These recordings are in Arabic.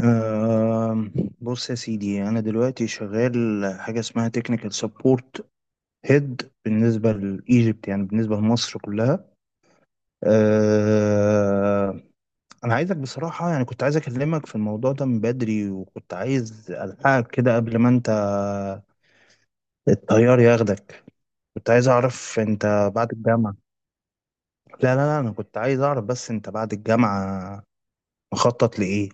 آم، بص يا سيدي أنا دلوقتي شغال حاجة اسمها تكنيكال سبورت هيد بالنسبة لإيجيبت، يعني بالنسبة لمصر كلها. آه، أنا عايزك بصراحة، يعني كنت عايز أكلمك في الموضوع ده من بدري، وكنت عايز ألحقك كده قبل ما أنت الطيار ياخدك. كنت عايز أعرف أنت بعد الجامعة. لا، أنا كنت عايز أعرف بس أنت بعد الجامعة مخطط لإيه.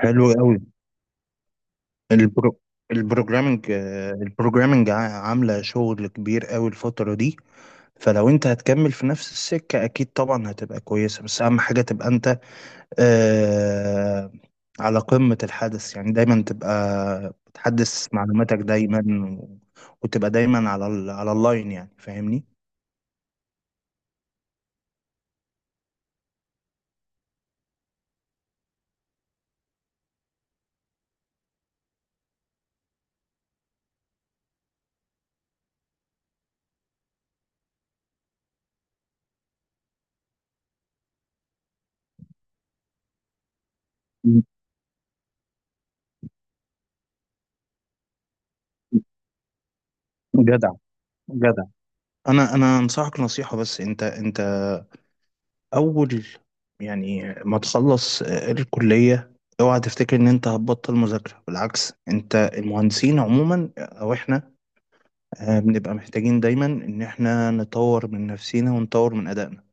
حلو قوي. البرو... البروجرامينج، البروجرامينج عاملة شغل كبير قوي الفترة دي. فلو انت هتكمل في نفس السكة، اكيد طبعا هتبقى كويسة، بس اهم حاجة تبقى انت آه على قمة الحدث، يعني دايما تبقى بتحدث معلوماتك دايما و... وتبقى دايما على على اللاين، يعني فاهمني؟ م- جدع، جدع. انا انصحك نصيحة، بس انت اول يعني ما تخلص الكلية، اوعى تفتكر ان انت هتبطل مذاكرة. بالعكس، انت المهندسين عموما او احنا بنبقى محتاجين دايما ان احنا نطور من نفسينا ونطور من ادائنا.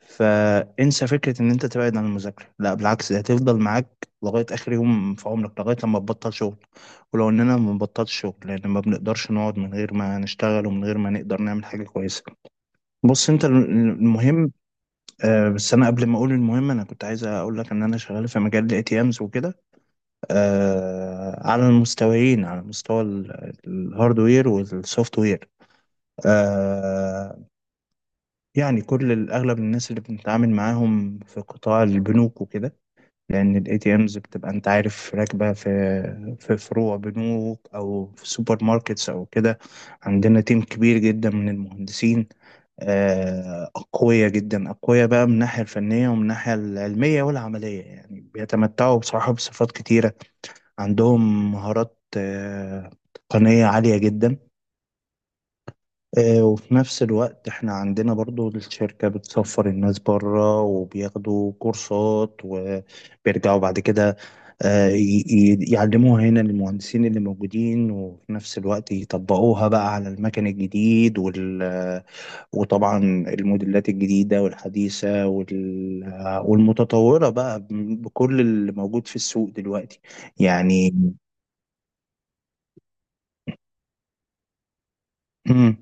فانسى فكرة ان انت تبعد عن المذاكرة، لا بالعكس، دي هتفضل معاك لغاية اخر يوم في عمرك، لغاية لما تبطل شغل. ولو اننا ما بنبطلش شغل، لان ما بنقدرش نقعد من غير ما نشتغل ومن غير ما نقدر نعمل حاجة كويسة. بص انت المهم، أه بس انا قبل ما اقول المهم، انا كنت عايز اقول لك ان انا شغال في مجال الاي تي امز وكده. أه على المستويين، على مستوى الهاردوير والسوفت وير. أه يعني كل اغلب الناس اللي بنتعامل معاهم في قطاع البنوك وكده، لان الاي تي امز بتبقى، انت عارف، راكبه في فروع بنوك او في سوبر ماركتس او كده. عندنا تيم كبير جدا من المهندسين، أقوياء جدا، أقوياء بقى من الناحية الفنية ومن الناحية العلمية والعملية. يعني بيتمتعوا بصراحة بصفات كتيرة، عندهم مهارات تقنية عالية جدا. وفي نفس الوقت احنا عندنا برضو الشركة بتسفر الناس بره وبياخدوا كورسات وبيرجعوا بعد كده يعلموها هنا للمهندسين اللي موجودين، وفي نفس الوقت يطبقوها بقى على المكن الجديد. وطبعا الموديلات الجديدة والحديثة والمتطورة بقى، بكل اللي موجود في السوق دلوقتي يعني. مم.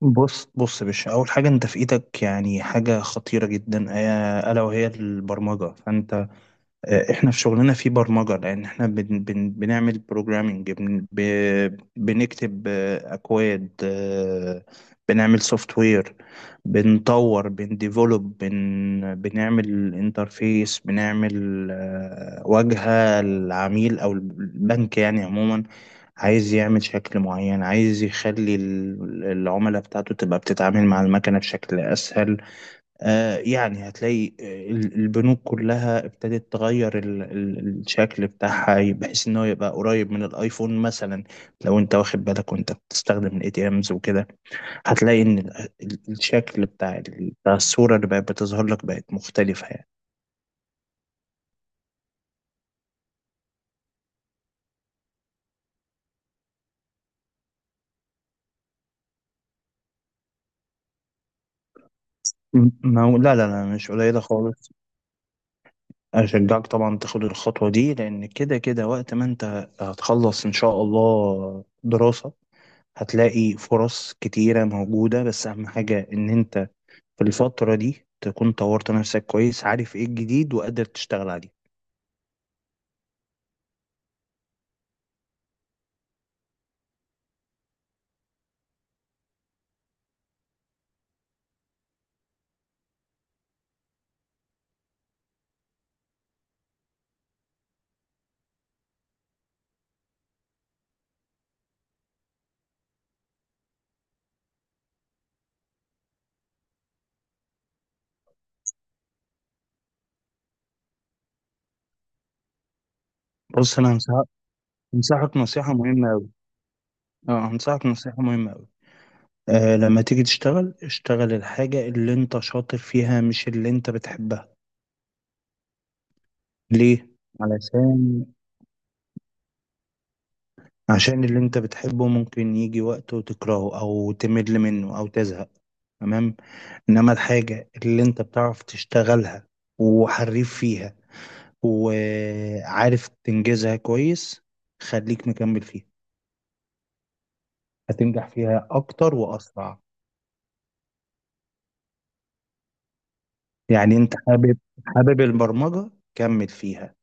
بص بص يا باشا، أول حاجة أنت في إيدك يعني حاجة خطيرة جدا، ألا وهي البرمجة. فأنت احنا في شغلنا في برمجة، لان احنا بن بنعمل بروجرامنج، بنكتب اكواد، بنعمل سوفت وير، بنطور، بنديفلوب، بنعمل انترفيس، بنعمل واجهة العميل او البنك. يعني عموما عايز يعمل شكل معين، عايز يخلي العملاء بتاعته تبقى بتتعامل مع المكنة بشكل اسهل. يعني هتلاقي البنوك كلها ابتدت تغير الشكل بتاعها، بحيث ان هو يبقى قريب من الايفون مثلا. لو انت واخد بالك وانت بتستخدم الاي تي امز وكده، هتلاقي ان الشكل بتاع بتاع الصورة اللي بقت بتظهر لك بقت مختلفة يعني. ما هو لا، مش قليلة خالص. أشجعك طبعا تاخد الخطوة دي، لأن كده كده وقت ما أنت هتخلص إن شاء الله دراسة، هتلاقي فرص كتيرة موجودة. بس أهم حاجة إن أنت في الفترة دي تكون طورت نفسك كويس، عارف ايه الجديد وقادر تشتغل عليه. بص انا هنصحك نصيحة مهمة أوي. اه هنصحك نصيحة مهمة أوي. آه لما تيجي تشتغل، اشتغل الحاجة اللي انت شاطر فيها مش اللي انت بتحبها. ليه؟ علشان، عشان اللي انت بتحبه ممكن يجي وقت وتكرهه او تمل منه او تزهق. تمام. انما الحاجة اللي انت بتعرف تشتغلها وحريف فيها وعارف تنجزها كويس، خليك مكمل فيها، هتنجح فيها أكتر وأسرع. يعني أنت حابب، حابب البرمجة، كمل فيها.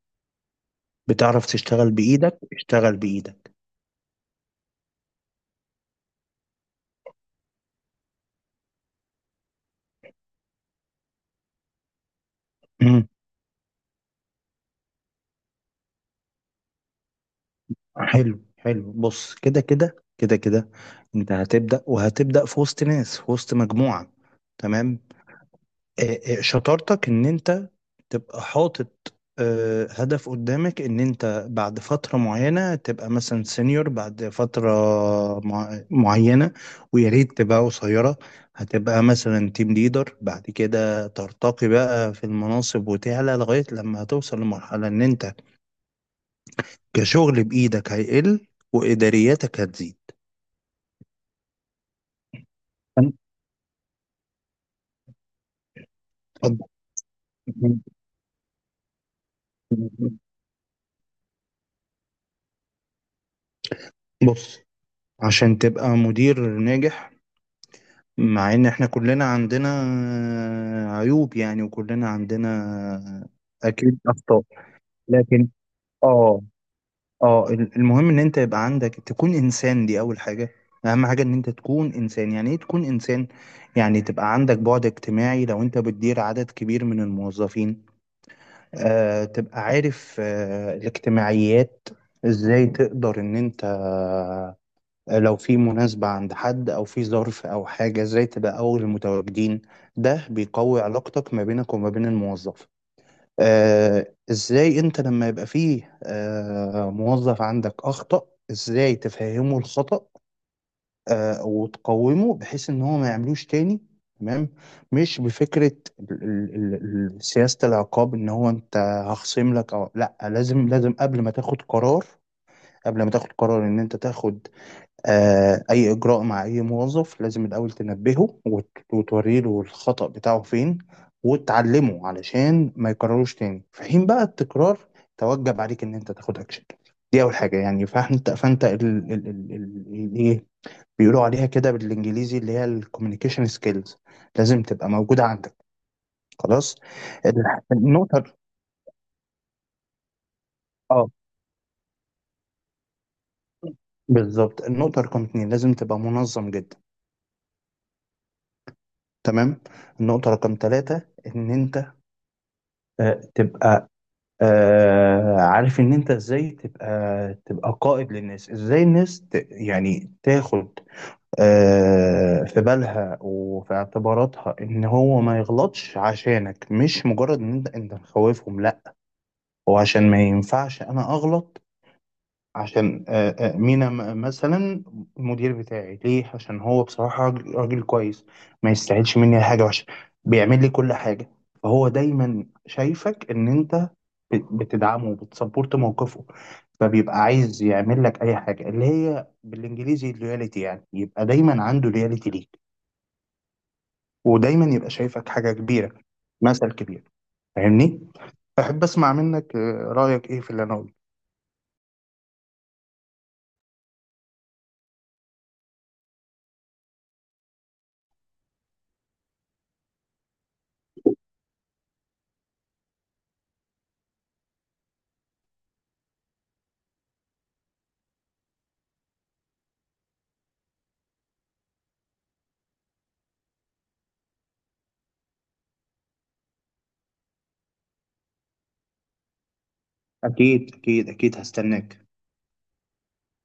بتعرف تشتغل بإيدك، اشتغل بإيدك. مم. حلو حلو، بص كده، أنت هتبدأ وهتبدأ في وسط ناس، في وسط مجموعة. تمام. شطارتك إن أنت تبقى حاطط هدف قدامك ان انت بعد فترة معينة تبقى مثلا سينيور بعد فترة معينة، ويا ريت تبقى قصيرة. هتبقى مثلا تيم ليدر، بعد كده ترتقي بقى في المناصب وتعلى لغاية لما هتوصل لمرحلة ان انت كشغل بإيدك هيقل وإدارياتك هتزيد. فأنت- بص، عشان تبقى مدير ناجح، مع ان احنا كلنا عندنا عيوب يعني، وكلنا عندنا اكيد اخطاء، لكن اه، اه المهم ان انت يبقى عندك تكون انسان. دي اول حاجة، اهم حاجة ان انت تكون انسان. يعني ايه تكون انسان؟ يعني تبقى عندك بعد اجتماعي، لو انت بتدير عدد كبير من الموظفين، تبقى عارف الاجتماعيات، ازاي تقدر ان انت لو في مناسبة عند حد أو في ظرف أو حاجة إزاي تبقى أول المتواجدين. ده بيقوي علاقتك ما بينك وما بين الموظف. إزاي أنت لما يبقى فيه موظف عندك أخطأ، إزاي تفهمه الخطأ وتقومه بحيث إن هو ما يعملوش تاني. تمام. مش بفكرة ال- ال- سياسة العقاب إن هو أنت هخصم لك أو لأ. لازم قبل ما تاخد قرار، قبل ما تاخد قرار إن أنت تاخد أي إجراء مع أي موظف، لازم الأول تنبهه وتوري له الخطأ بتاعه فين وتعلمه، علشان ما يكرروش تاني. في حين بقى التكرار توجب عليك إن أنت تاخد أكشن. دي أول حاجة يعني. فأنت فأنت ال ال ال ال ال- إيه بيقولوا عليها كده بالإنجليزي؟ اللي هي الكوميونيكيشن سكيلز، لازم تبقى موجودة عندك. خلاص. النقطة، اه، بالظبط، النقطة رقم اتنين، لازم تبقى منظم جدا. تمام. النقطة رقم ثلاثة إن أنت تبقى عارف ان انت ازاي تبقى قائد للناس، ازاي الناس ت يعني تاخد في بالها وفي اعتباراتها ان هو ما يغلطش عشانك، مش مجرد ان انت مخوفهم، لا. هو عشان ما ينفعش انا اغلط، عشان مينا مثلا المدير بتاعي ليه؟ عشان هو بصراحة راجل كويس، ما يستاهلش مني حاجة وحشة، بيعمل لي كل حاجة. فهو دايما شايفك ان انت بتدعمه وبتسبورت موقفه، فبيبقى عايز يعمل لك اي حاجة، اللي هي بالانجليزي اللويالتي، يعني يبقى دايما عنده لويالتي ليك، ودايما يبقى شايفك حاجة كبيرة، مثل كبير. فاهمني؟ احب اسمع منك رأيك ايه في اللي انا قلته. اكيد، هستناك.